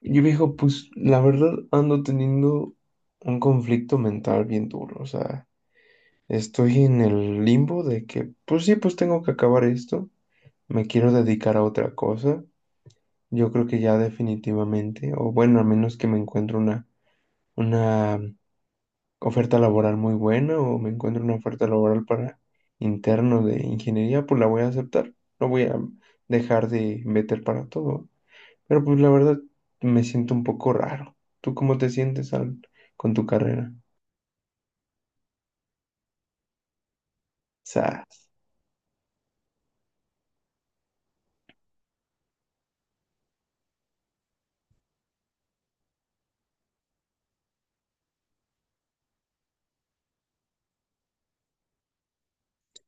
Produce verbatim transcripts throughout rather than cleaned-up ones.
Y viejo, pues la verdad ando teniendo un conflicto mental bien duro. O sea, estoy en el limbo de que, pues sí, pues tengo que acabar esto, me quiero dedicar a otra cosa. Yo creo que ya definitivamente, o bueno, a menos que me encuentre una, una oferta laboral muy buena o me encuentre una oferta laboral para interno de ingeniería, pues la voy a aceptar, no voy a dejar de meter para todo. Pero pues la verdad me siento un poco raro. ¿Tú cómo te sientes al- con tu carrera? Sas.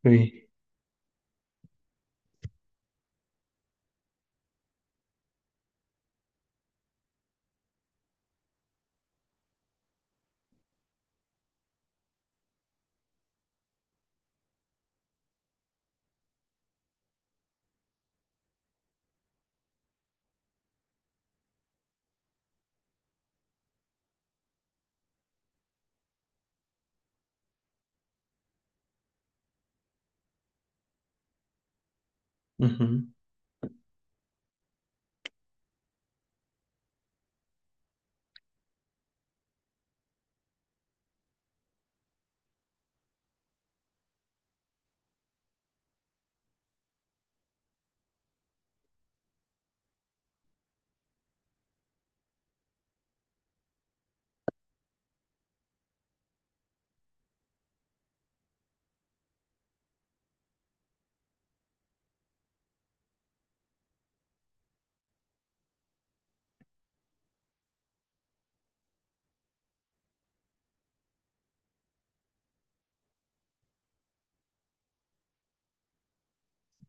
Sí. Ujú.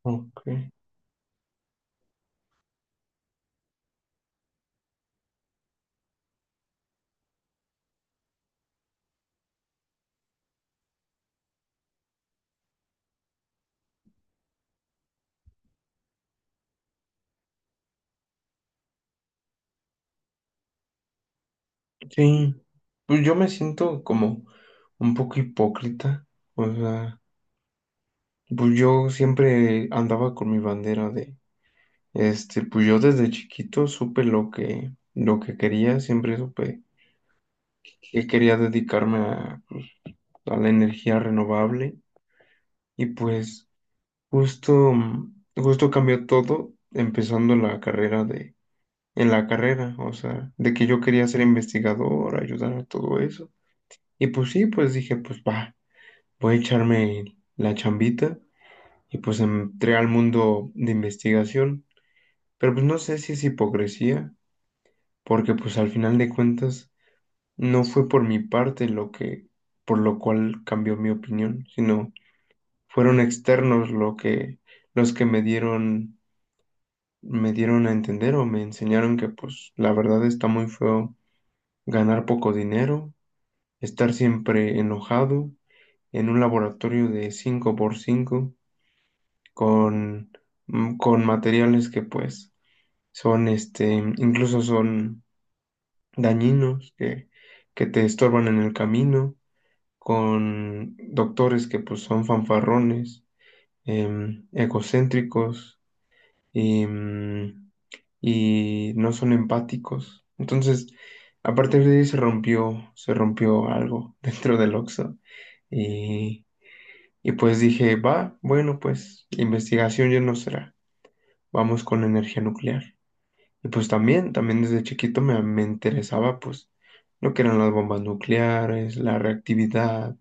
Ok. Sí. Pues yo me siento como un poco hipócrita. O sea, pues yo siempre andaba con mi bandera de, este, pues yo desde chiquito supe lo que, lo que quería, siempre supe que quería dedicarme a, a la energía renovable. Y pues justo, justo cambió todo empezando la carrera de, en la carrera. O sea, de que yo quería ser investigador, ayudar a todo eso. Y pues sí, pues dije, pues va, voy a echarme la chambita y pues entré al mundo de investigación. Pero pues no sé si es hipocresía, porque pues al final de cuentas no fue por mi parte lo que, por lo cual cambió mi opinión, sino fueron externos lo que, los que me dieron me dieron a entender o me enseñaron que pues la verdad está muy feo ganar poco dinero, estar siempre enojado en un laboratorio de cinco por cinco con, mm, con materiales que pues son este, incluso son dañinos, que, que te estorban en el camino, con doctores que pues son fanfarrones, em, egocéntricos, em, y no son empáticos. Entonces, a partir de ahí se rompió, se rompió algo dentro del Oxxo. Y, y pues dije, va, bueno, pues investigación ya no será. Vamos con la energía nuclear. Y pues también, también desde chiquito me, me interesaba pues lo que eran las bombas nucleares, la reactividad,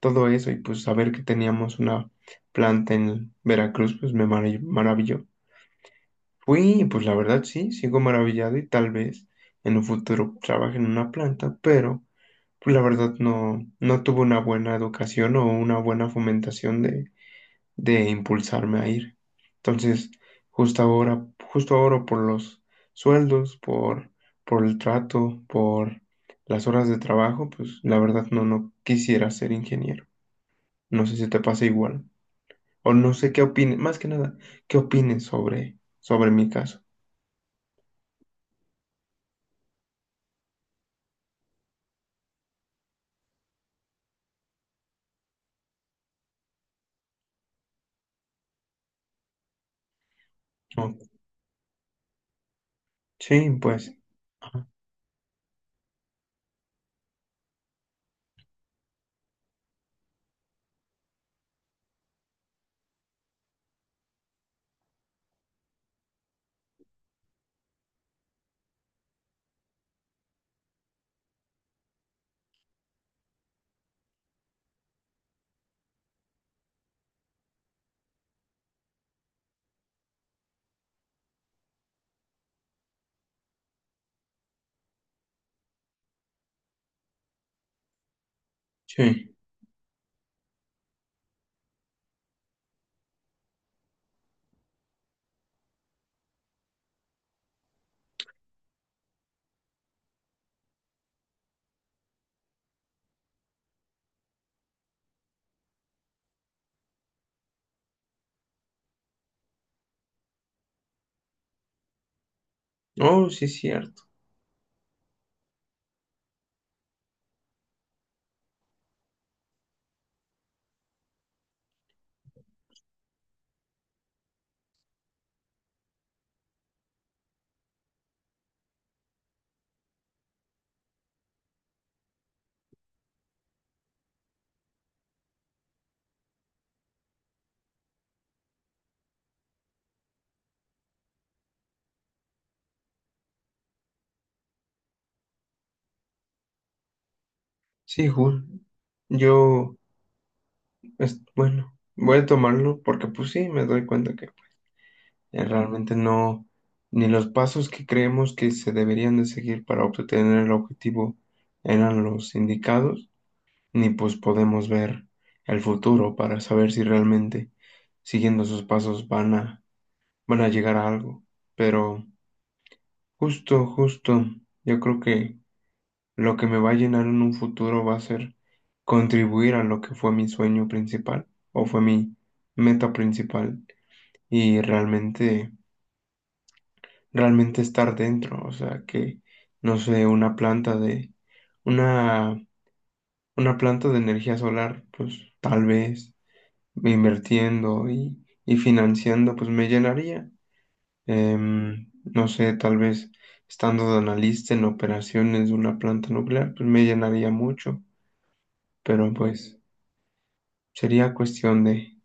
todo eso. Y pues saber que teníamos una planta en Veracruz, pues me marav- maravilló. Fui, pues la verdad sí, sigo maravillado y tal vez en un futuro trabaje en una planta, pero pues la verdad no, no tuve una buena educación o una buena fomentación de, de impulsarme a ir. Entonces, justo ahora, justo ahora por los sueldos, por, por el trato, por las horas de trabajo, pues la verdad no, no quisiera ser ingeniero. No sé si te pasa igual. O no sé qué opines, más que nada, qué opines sobre, sobre mi caso. Ok. Sí, pues, ajá, sí. Oh, sí, es cierto. Sí, Jul. Yo, es, bueno, voy a tomarlo porque pues sí, me doy cuenta que eh, realmente no, ni los pasos que creemos que se deberían de seguir para obtener el objetivo eran los indicados, ni pues podemos ver el futuro para saber si realmente siguiendo esos pasos van a, van a llegar a algo. Pero justo, justo, yo creo que... Lo que me va a llenar en un futuro va a ser contribuir a lo que fue mi sueño principal o fue mi meta principal y realmente, realmente estar dentro. O sea, que, no sé, una planta de, una, una planta de energía solar, pues tal vez invirtiendo y, y financiando, pues me llenaría. Em, no sé, tal vez estando de analista en operaciones de una planta nuclear, pues me llenaría mucho, pero pues... Sería cuestión de,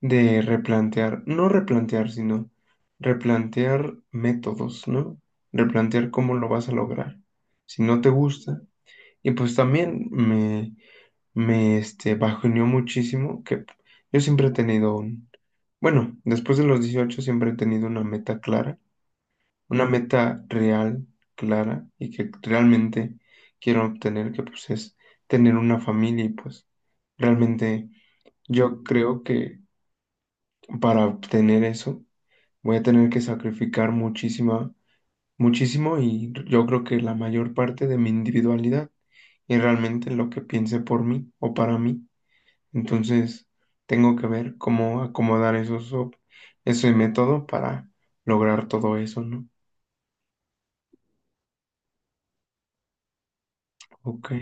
de replantear, no replantear, sino replantear métodos, ¿no? Replantear cómo lo vas a lograr. Si no te gusta. Y pues también me, me este, bajoneó muchísimo que yo siempre he tenido un, bueno, después de los dieciocho siempre he tenido una meta clara, una meta real, clara, y que realmente quiero obtener, que pues es tener una familia y pues realmente yo creo que para obtener eso, voy a tener que sacrificar muchísima, muchísimo y yo creo que la mayor parte de mi individualidad y realmente lo que piense por mí o para mí. Entonces, tengo que ver cómo acomodar esos, op- ese método para lograr todo eso, ¿no? Ok.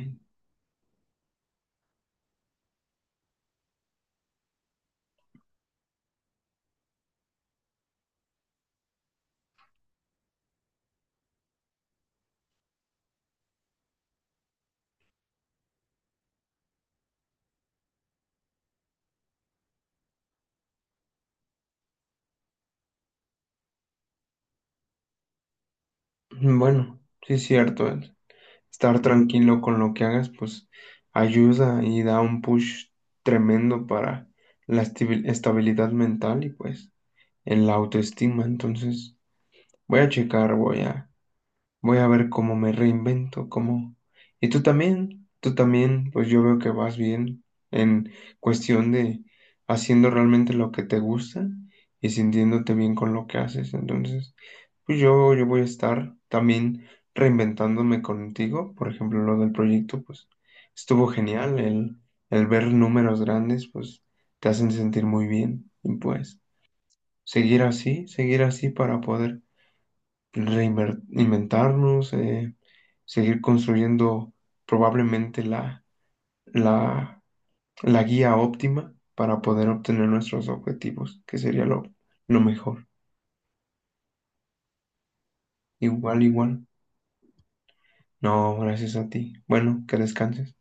Bueno, sí es cierto. El Estar tranquilo con lo que hagas, pues ayuda y da un push tremendo para la estibil- estabilidad mental y pues en la autoestima. Entonces, voy a checar, voy a, voy a ver cómo me reinvento, cómo... Y tú también, tú también, pues yo veo que vas bien en cuestión de haciendo realmente lo que te gusta y sintiéndote bien con lo que haces. Entonces, pues yo, yo voy a estar también reinventándome contigo. Por ejemplo, lo del proyecto, pues estuvo genial. El, el ver números grandes, pues te hacen sentir muy bien. Y pues seguir así, seguir así para poder reinventarnos, eh, seguir construyendo probablemente la, la, la guía óptima para poder obtener nuestros objetivos, que sería lo, lo mejor. Igual, igual. No, gracias a ti. Bueno, que descanses.